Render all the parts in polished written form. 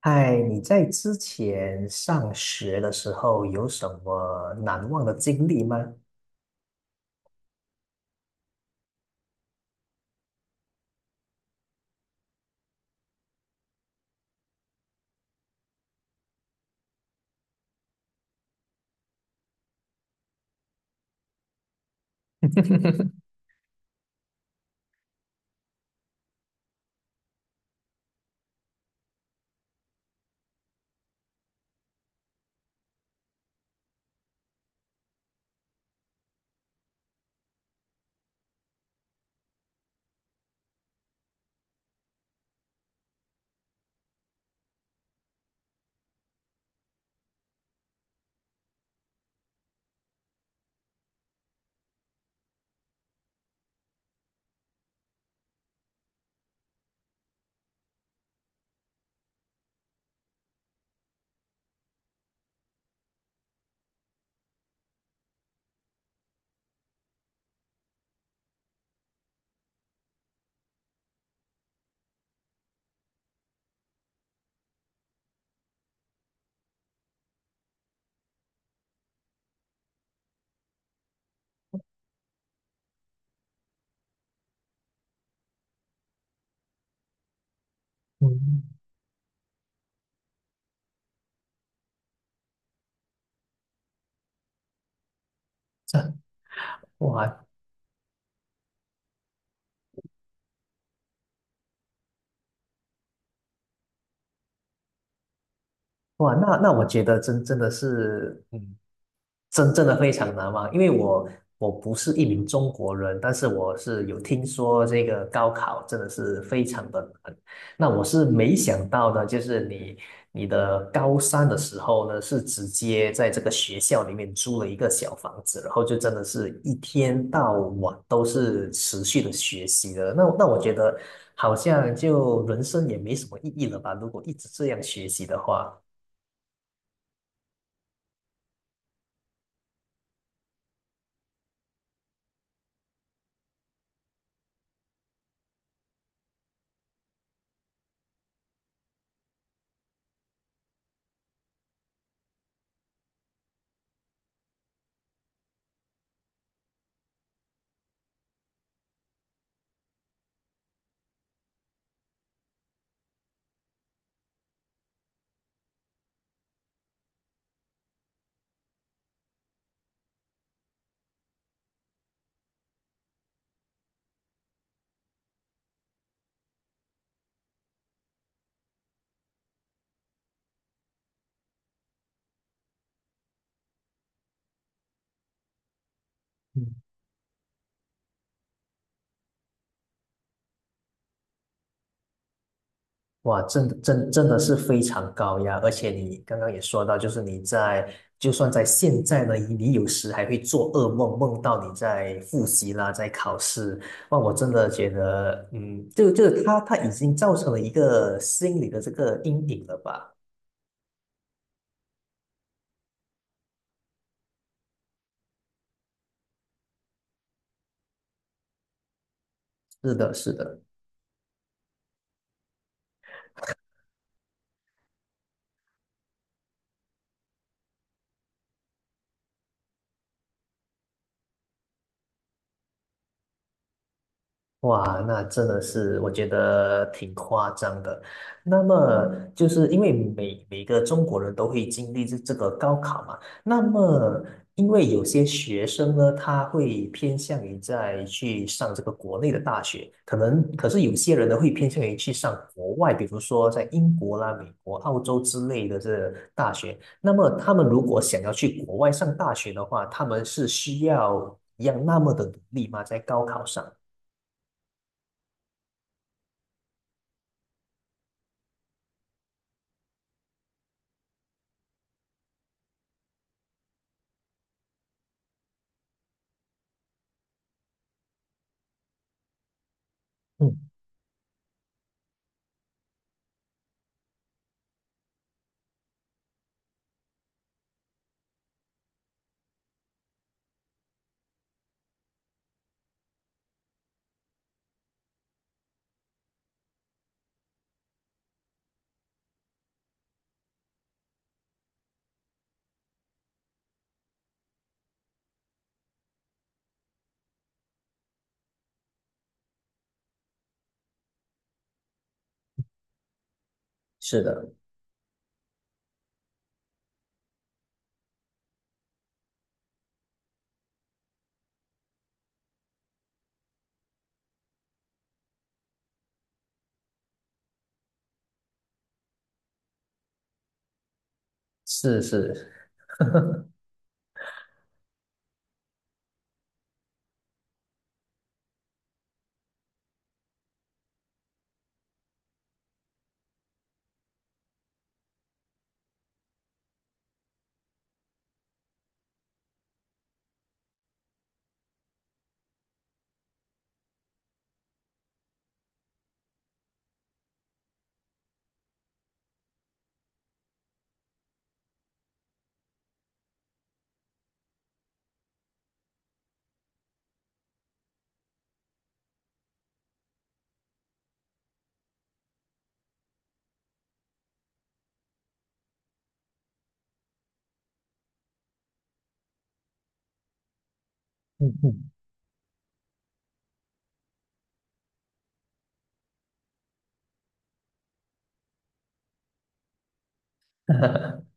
嗨，你在之前上学的时候有什么难忘的经历吗？嗯，这哇，哇，那我觉得真的是，嗯，真正的非常难忘，因为我不是一名中国人，但是我是有听说这个高考真的是非常的难。那我是没想到的，就是你高三的时候呢，是直接在这个学校里面租了一个小房子，然后就真的是一天到晚都是持续的学习的。那我觉得好像就人生也没什么意义了吧，如果一直这样学习的话。嗯，哇，真的真的是非常高压，而且你刚刚也说到，就是你在就算在现在呢，你有时还会做噩梦，梦到你在复习啦，在考试。哇，我真的觉得，嗯，就他已经造成了一个心理的这个阴影了吧？是的，是的。哇，那真的是我觉得挺夸张的。那么，就是因为每个中国人都会经历这个高考嘛，那么因为有些学生呢，他会偏向于在去上这个国内的大学，可能可是有些人呢会偏向于去上国外，比如说在英国啦、美国、澳洲之类的这大学。那么他们如果想要去国外上大学的话，他们是需要一样那么的努力吗？在高考上？嗯。是的，是是，嗯嗯，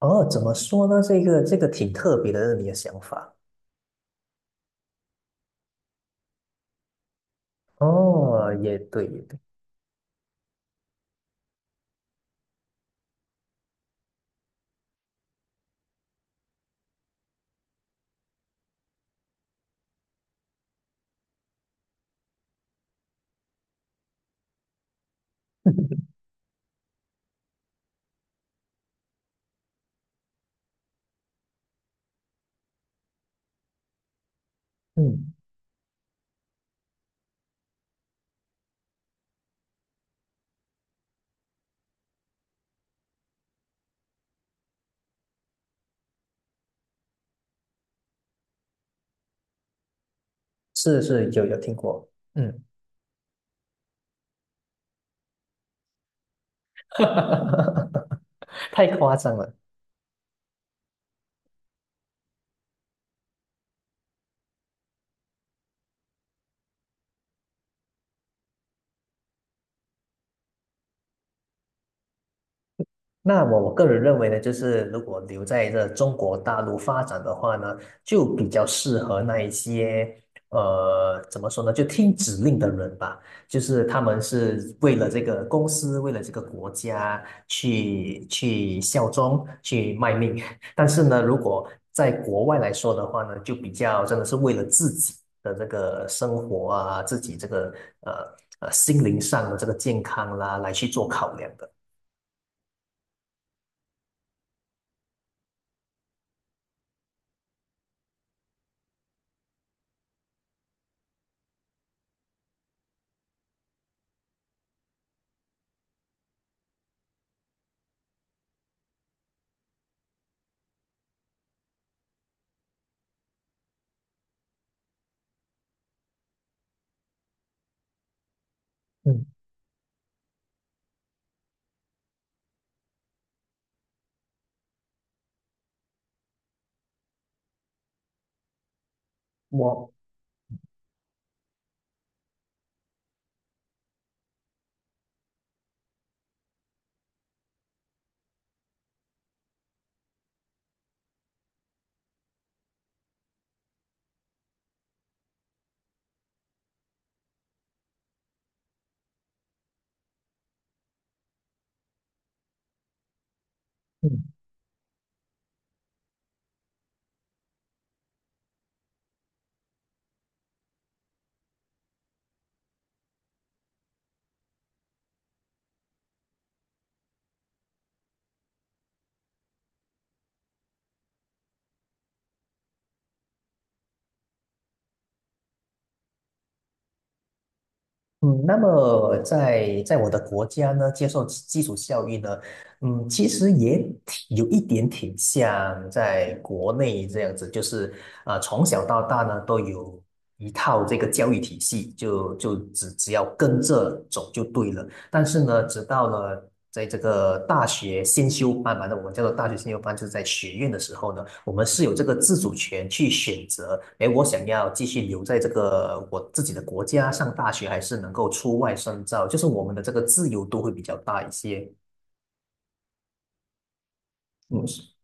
哦，怎么说呢？这个这个挺特别的，你的想法。哦，也对，也对，嗯，是是，有有听过，嗯，太夸张了。那我个人认为呢，就是如果留在这中国大陆发展的话呢，就比较适合那一些怎么说呢，就听指令的人吧。就是他们是为了这个公司，为了这个国家去效忠、去卖命。但是呢，如果在国外来说的话呢，就比较真的是为了自己的这个生活啊，自己这个呃心灵上的这个健康啦，来去做考量的。嗯，我嗯嗯，那么在在我的国家呢，接受基础教育呢，嗯，其实也挺有一点挺像在国内这样子，就是啊，从小到大呢都有一套这个教育体系，就只要跟着走就对了。但是呢，直到了在这个大学先修班完了我们叫做大学先修班，就是在学院的时候呢，我们是有这个自主权去选择，哎，我想要继续留在这个我自己的国家上大学，还是能够出外深造，就是我们的这个自由度会比较大一些。嗯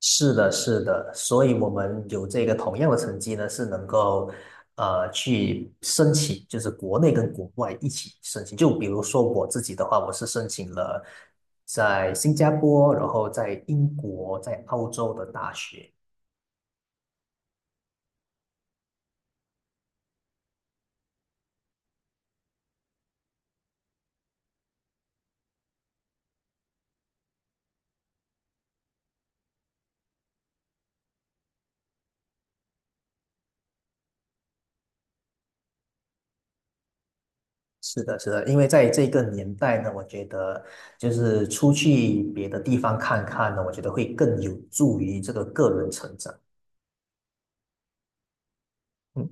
是的，是的，所以我们有这个同样的成绩呢，是能够去申请，就是国内跟国外一起申请。就比如说我自己的话，我是申请了在新加坡，然后在英国、在澳洲的大学。是的，是的，因为在这个年代呢，我觉得就是出去别的地方看看呢，我觉得会更有助于这个个人成长。嗯。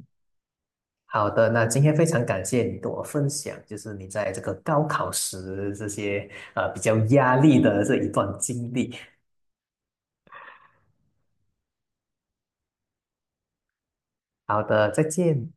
好的，那今天非常感谢你跟我分享，就是你在这个高考时这些比较压力的这一段经历。好的，再见。